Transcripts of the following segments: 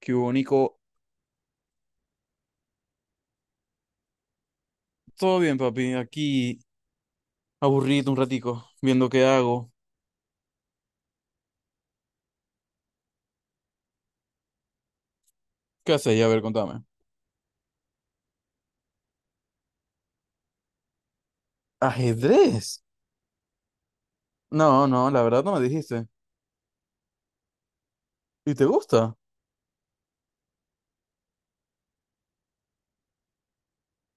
¿Qué hubo? Todo bien, papi. Aquí aburrido un ratico, viendo qué hago. ¿Qué haces? A ver, contame. ¿Ajedrez? No, la verdad no me dijiste. ¿Y te gusta?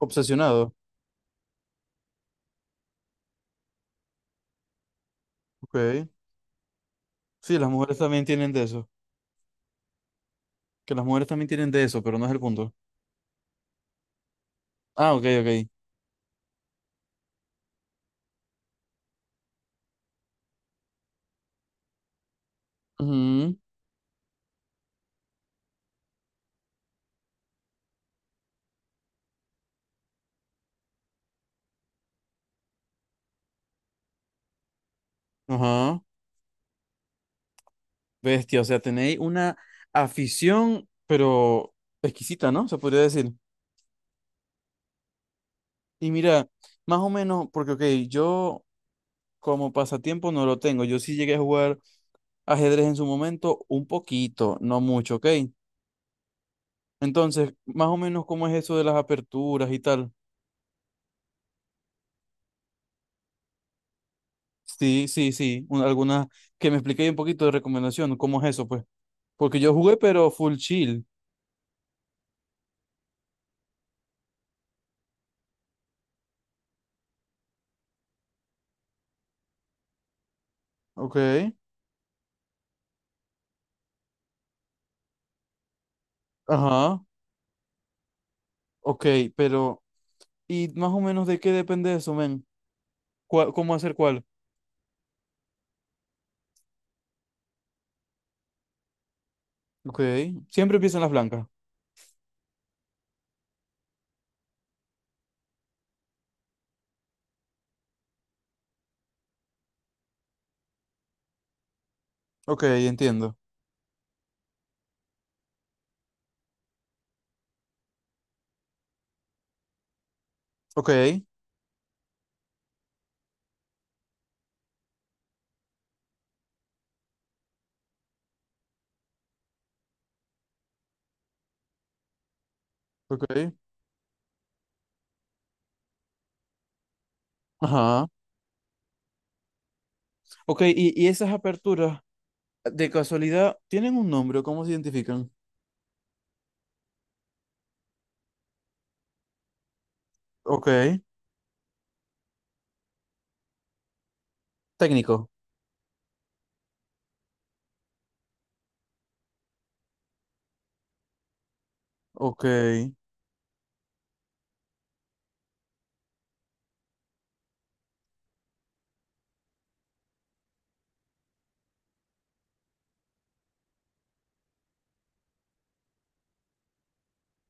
Obsesionado. Ok. Sí, las mujeres también tienen de eso. Que las mujeres también tienen de eso, pero no es el punto. Ah, ok, ok. Ujú. Ajá. Bestia, o sea, tenéis una afición, pero exquisita, ¿no? Se podría decir. Y mira, más o menos, porque, ok, yo como pasatiempo no lo tengo. Yo sí llegué a jugar ajedrez en su momento, un poquito, no mucho, ¿ok? Entonces, más o menos, ¿cómo es eso de las aperturas y tal? Alguna que me explique un poquito de recomendación, ¿cómo es eso, pues? Porque yo jugué, pero full chill. Ok. Ajá, ok, pero ¿y más o menos de qué depende eso, men? ¿Cómo hacer cuál? Ok, siempre empiezan las blancas. Ok, entiendo. Ok, ok. Ajá. Ok, y esas aperturas, de casualidad, ¿tienen un nombre o cómo se identifican? Ok. Técnico. Ok.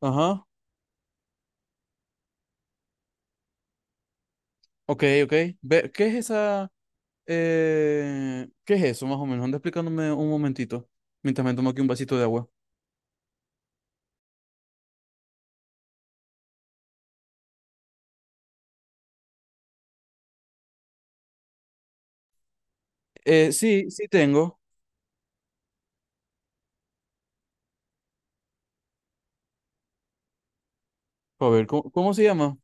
Ajá. Ok, ok. ¿Qué es esa? ¿Qué es eso, más o menos? Anda explicándome un momentito, mientras me tomo aquí un vasito de agua. Sí, sí tengo. A ver, ¿cómo se llama?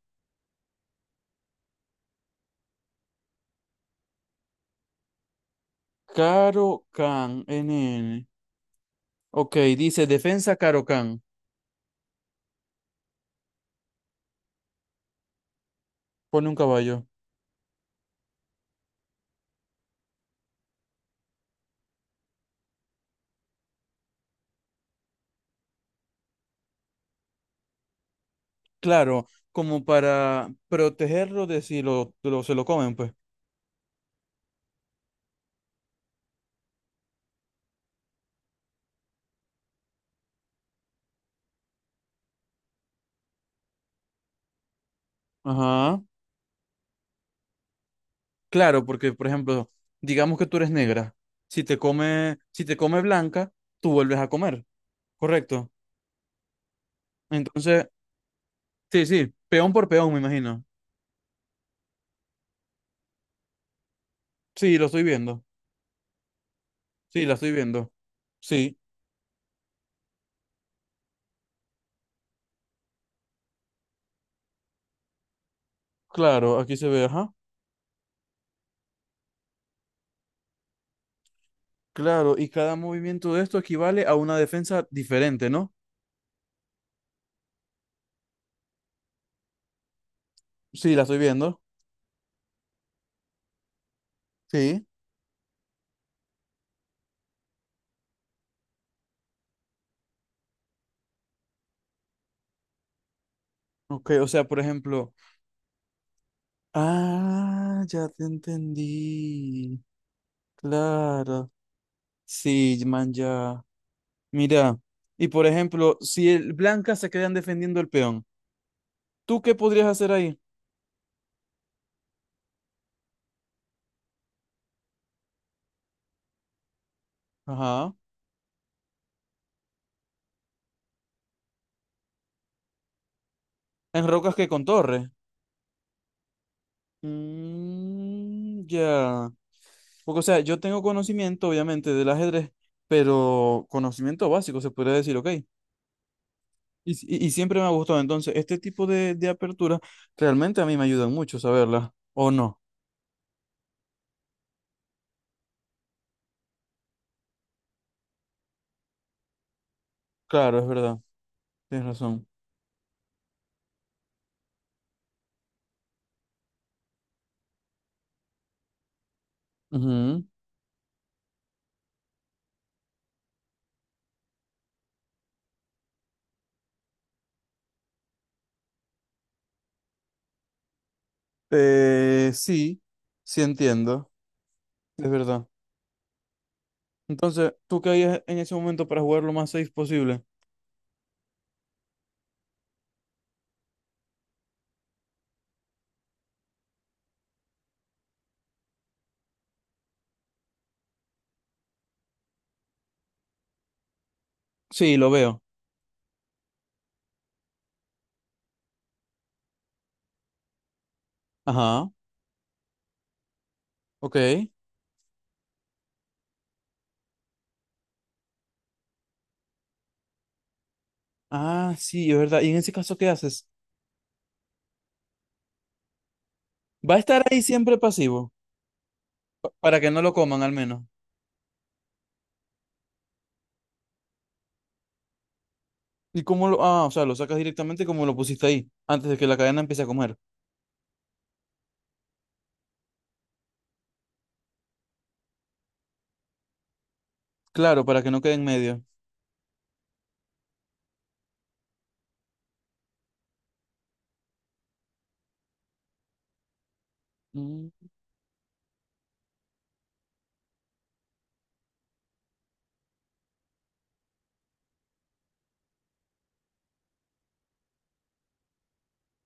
Caro Can, N. N. Ok, dice defensa Caro Can. Pone un caballo. Claro, como para protegerlo de si lo, lo- se lo comen, pues. Ajá. Claro, porque por ejemplo, digamos que tú eres negra. Si te come blanca, tú vuelves a comer, ¿correcto? Entonces, sí, sí, peón por peón, me imagino. Sí, lo estoy viendo. Sí, la estoy viendo. Sí, claro, aquí se ve, ajá. Claro, y cada movimiento de esto equivale a una defensa diferente, ¿no? Sí, la estoy viendo. Sí. Ok, o sea, por ejemplo. Ah, ya te entendí. Claro. Sí, man, ya. Mira, y por ejemplo, si el Blanca se quedan defendiendo el peón, ¿tú qué podrías hacer ahí? Ajá. En rocas que con torres. Mm, ya. Porque, o sea, yo tengo conocimiento, obviamente, del ajedrez, pero conocimiento básico, se podría decir, ok. Y siempre me ha gustado. Entonces, este tipo de aperturas realmente a mí me ayudan mucho saberlas. ¿O no? Claro, es verdad. Tienes razón. Ujú. Sí, sí entiendo. Es verdad. Entonces, ¿tú qué harías en ese momento para jugar lo más safe posible? Sí, lo veo. Ajá, ok. Ah, sí, es verdad. ¿Y en ese caso qué haces? Va a estar ahí siempre pasivo, pa- para que no lo coman al menos. ¿Y cómo lo...? Ah, o sea, lo sacas directamente como lo pusiste ahí, antes de que la cadena empiece a comer. Claro, para que no quede en medio. Mm,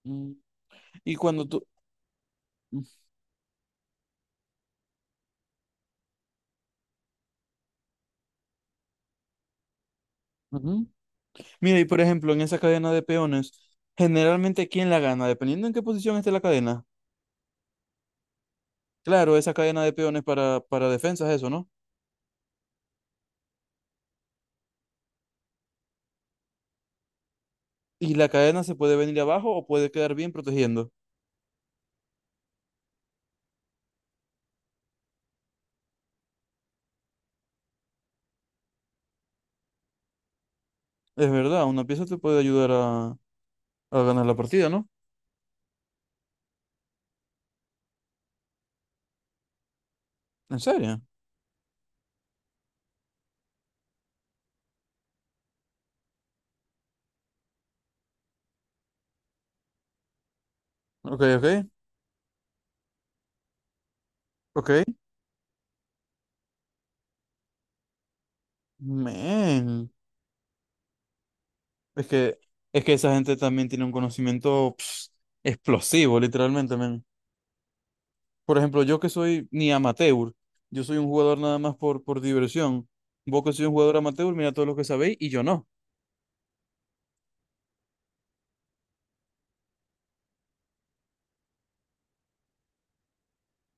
mm. Y cuando tú... Ujú. Mira, y por ejemplo, en esa cadena de peones, generalmente, ¿quién la gana? Dependiendo en qué posición esté la cadena. Claro, esa cadena de peones para defensas, eso, ¿no? Y la cadena se puede venir abajo o puede quedar bien protegiendo. Es verdad, una pieza te puede ayudar a ganar la partida, ¿no? ¿En serio? Ok, ok, ok. Men. Es que, es que esa gente también tiene un conocimiento pf, explosivo, literalmente, men. Por ejemplo, yo que soy ni amateur, yo soy un jugador nada más por diversión. Vos que soy un jugador amateur, mira todo lo que sabéis y yo no.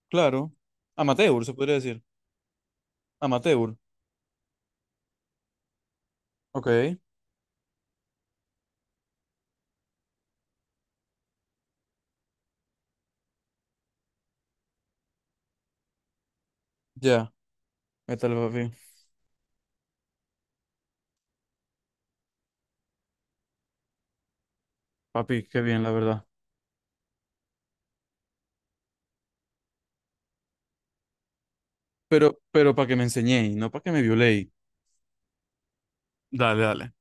Claro. Amateur, se podría decir. Amateur. Ok, ya. ¿Qué tal, papi? Papi, qué bien, la verdad. Pero para que me enseñéis, no para que me violéis. Dale, dale.